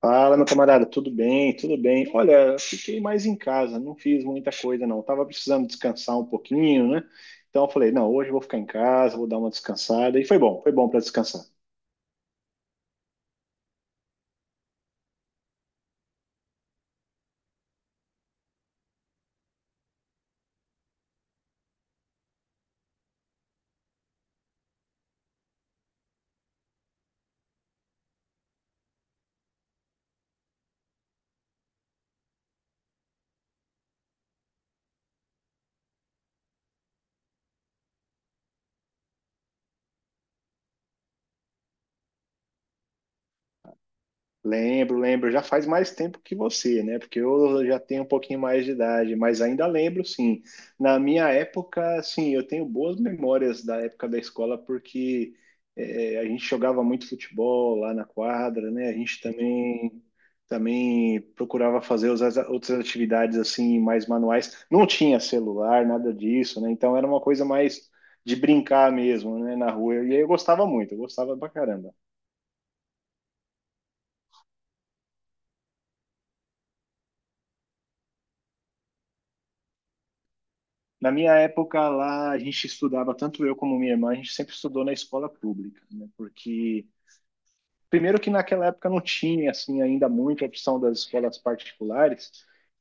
Fala, meu camarada, tudo bem? Tudo bem. Olha, fiquei mais em casa, não fiz muita coisa, não. Tava precisando descansar um pouquinho, né? Então eu falei, não, hoje eu vou ficar em casa, vou dar uma descansada. E foi bom para descansar. Lembro, lembro. Já faz mais tempo que você, né? Porque eu já tenho um pouquinho mais de idade, mas ainda lembro, sim. Na minha época, sim, eu tenho boas memórias da época da escola, porque a gente jogava muito futebol lá na quadra, né? A gente também, também procurava fazer outras atividades, assim, mais manuais. Não tinha celular, nada disso, né? Então era uma coisa mais de brincar mesmo, né? Na rua. E aí eu gostava muito, eu gostava pra caramba. Na minha época lá, a gente estudava, tanto eu como minha irmã, a gente sempre estudou na escola pública, né? Porque, primeiro que naquela época não tinha, assim, ainda muita opção das escolas particulares,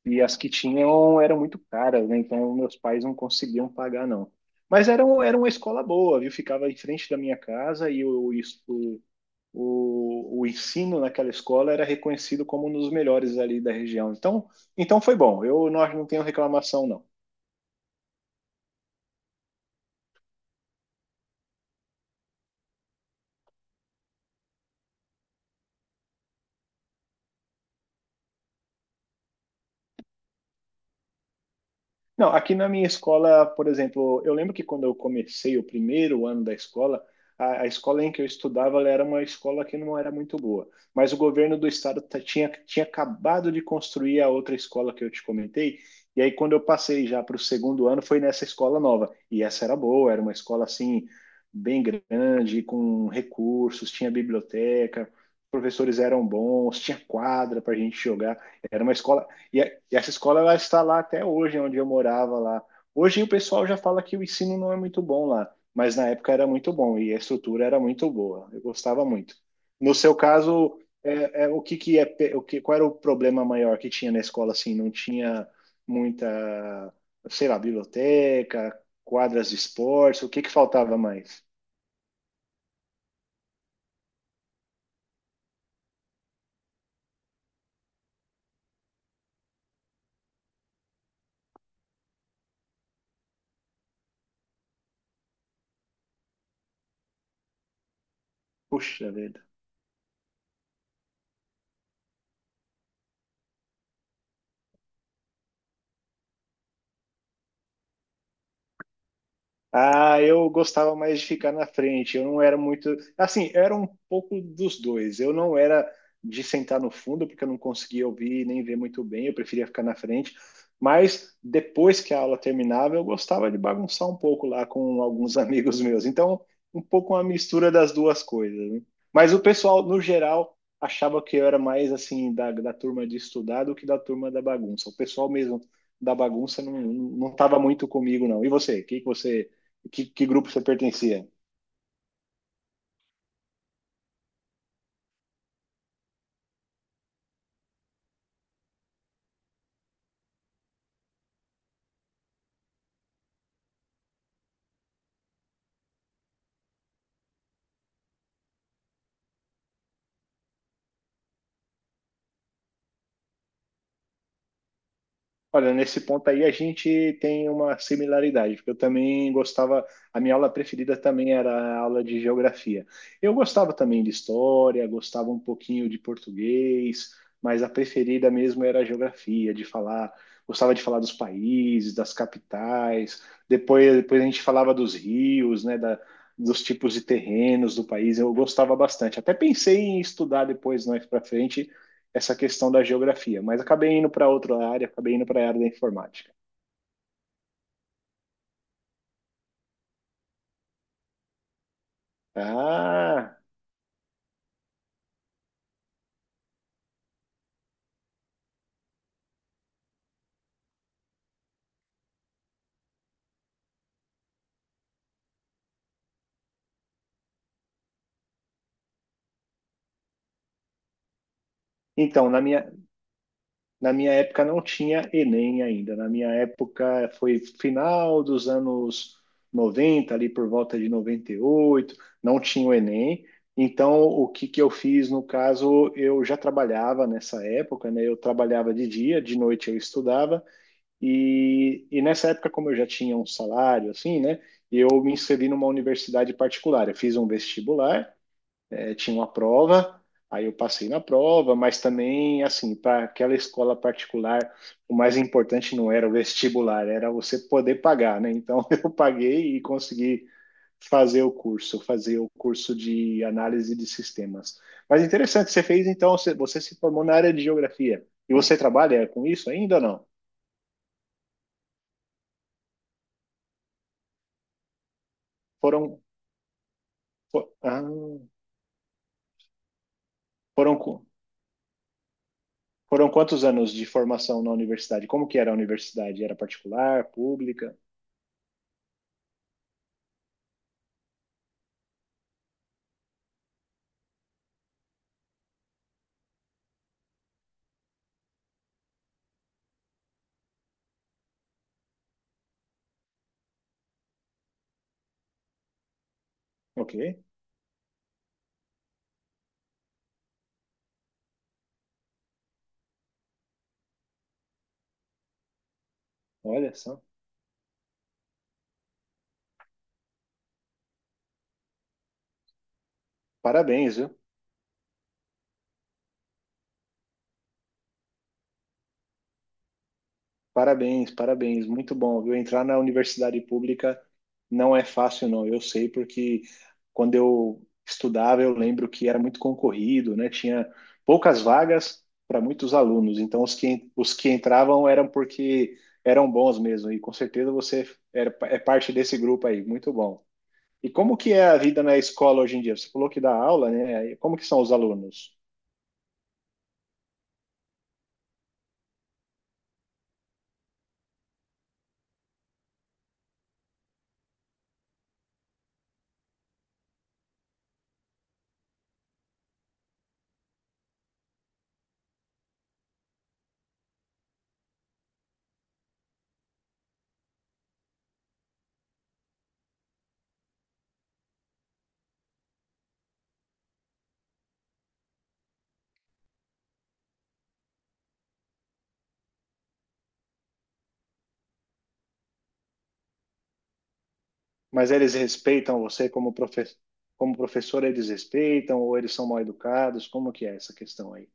e as que tinham eram muito caras, né? Então, meus pais não conseguiam pagar, não. Mas era, era uma escola boa, viu? Ficava em frente da minha casa e o, isso- o ensino naquela escola era reconhecido como um dos melhores ali da região. Então, então foi bom. Eu não, não tenho reclamação, não. Não, aqui na minha escola, por exemplo, eu lembro que quando eu comecei o primeiro ano da escola, a escola em que eu estudava ela era uma escola que não era muito boa, mas o governo do estado tinha, tinha acabado de construir a outra escola que eu te comentei, e aí quando eu passei já para o segundo ano foi nessa escola nova, e essa era boa, era uma escola assim, bem grande, com recursos, tinha biblioteca, os professores eram bons, tinha quadra para a gente jogar, era uma escola e essa escola ela está lá até hoje, onde eu morava lá. Hoje o pessoal já fala que o ensino não é muito bom lá, mas na época era muito bom e a estrutura era muito boa. Eu gostava muito. No seu caso, o que que é, o que, qual era o problema maior que tinha na escola assim? Não tinha muita, sei lá, biblioteca, quadras de esportes, o que que faltava mais? Puxa vida. Ah, eu gostava mais de ficar na frente. Eu não era muito. Assim, eu era um pouco dos dois. Eu não era de sentar no fundo, porque eu não conseguia ouvir nem ver muito bem. Eu preferia ficar na frente. Mas depois que a aula terminava, eu gostava de bagunçar um pouco lá com alguns amigos meus. Então, um pouco uma mistura das duas coisas, né? Mas o pessoal, no geral, achava que eu era mais assim da turma de estudar do que da turma da bagunça. O pessoal mesmo da bagunça não estava muito comigo, não. E você? O que que você que grupo você pertencia? Olha, nesse ponto aí a gente tem uma similaridade, porque eu também gostava, a minha aula preferida também era a aula de geografia. Eu gostava também de história, gostava um pouquinho de português, mas a preferida mesmo era a geografia, de falar, gostava de falar dos países, das capitais. Depois, depois a gente falava dos rios, né, da, dos tipos de terrenos do país. Eu gostava bastante. Até pensei em estudar depois, mais para frente, essa questão da geografia, mas acabei indo para outra área, acabei indo para a área da informática. Ah, então, na minha época não tinha Enem ainda. Na minha época foi final dos anos 90 ali por volta de 98, não tinha o Enem. Então, o que que eu fiz no caso, eu já trabalhava nessa época, né? Eu trabalhava de dia, de noite eu estudava. E nessa época, como eu já tinha um salário, assim, né? Eu me inscrevi numa universidade particular. Eu fiz um vestibular, tinha uma prova, aí eu passei na prova, mas também, assim, para aquela escola particular, o mais importante não era o vestibular, era você poder pagar, né? Então, eu paguei e consegui fazer o curso de análise de sistemas. Mas interessante, você fez, então, você se formou na área de geografia. E você trabalha com isso ainda ou não? Foram Fo- ah, foram, qu- foram quantos anos de formação na universidade? Como que era a universidade? Era particular, pública? Ok, olha só. Parabéns, viu? Parabéns, parabéns. Muito bom, viu? Entrar na universidade pública não é fácil, não. Eu sei porque quando eu estudava, eu lembro que era muito concorrido, né? Tinha poucas vagas para muitos alunos. Então, os que entravam eram porque eram bons mesmo. E com certeza você era, é parte desse grupo aí. Muito bom. E como que é a vida na escola hoje em dia? Você falou que dá aula, né? E como que são os alunos? Mas eles respeitam você como como professor, eles respeitam ou eles são mal educados? Como que é essa questão aí?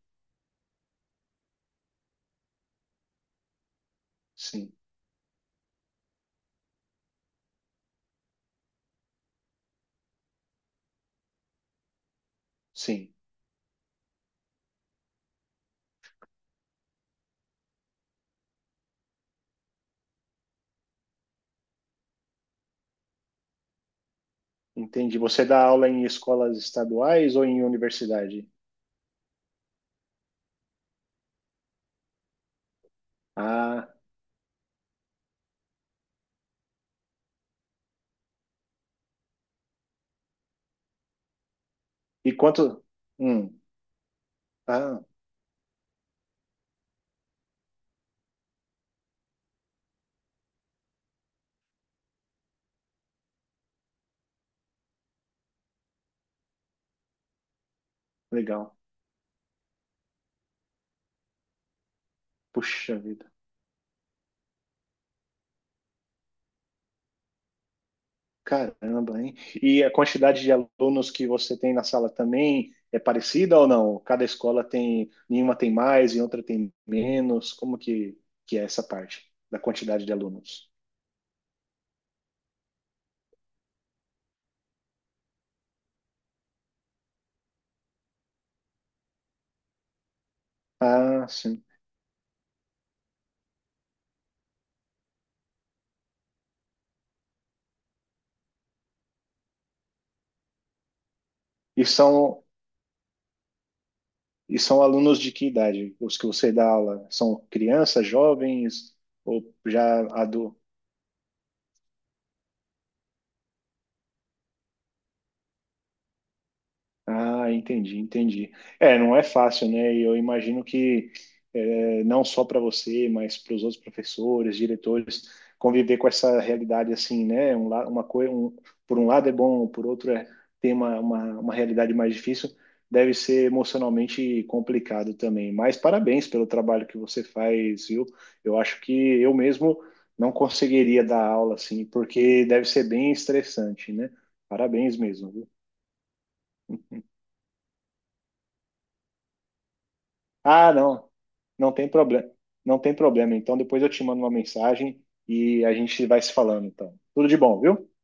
Sim, sim. Entendi. Você dá aula em escolas estaduais ou em universidade? Ah, e quanto? Hum, ah, legal. Puxa vida. Caramba, hein? E a quantidade de alunos que você tem na sala também é parecida ou não? Cada escola tem, nenhuma tem mais e outra tem menos. Como que é essa parte da quantidade de alunos? Ah, sim. E são, e são alunos de que idade? Os que você dá aula são crianças, jovens ou já... Ah, entendi, entendi. É, não é fácil, né? E eu imagino que é, não só para você, mas para os outros professores, diretores, conviver com essa realidade assim, né? Uma coisa, um, por um lado é bom, por outro é tem uma realidade mais difícil, deve ser emocionalmente complicado também. Mas parabéns pelo trabalho que você faz, viu? Eu acho que eu mesmo não conseguiria dar aula assim, porque deve ser bem estressante, né? Parabéns mesmo, viu? Ah, não. Não tem problema. Não tem problema. Então depois eu te mando uma mensagem e a gente vai se falando, então. Tudo de bom, viu?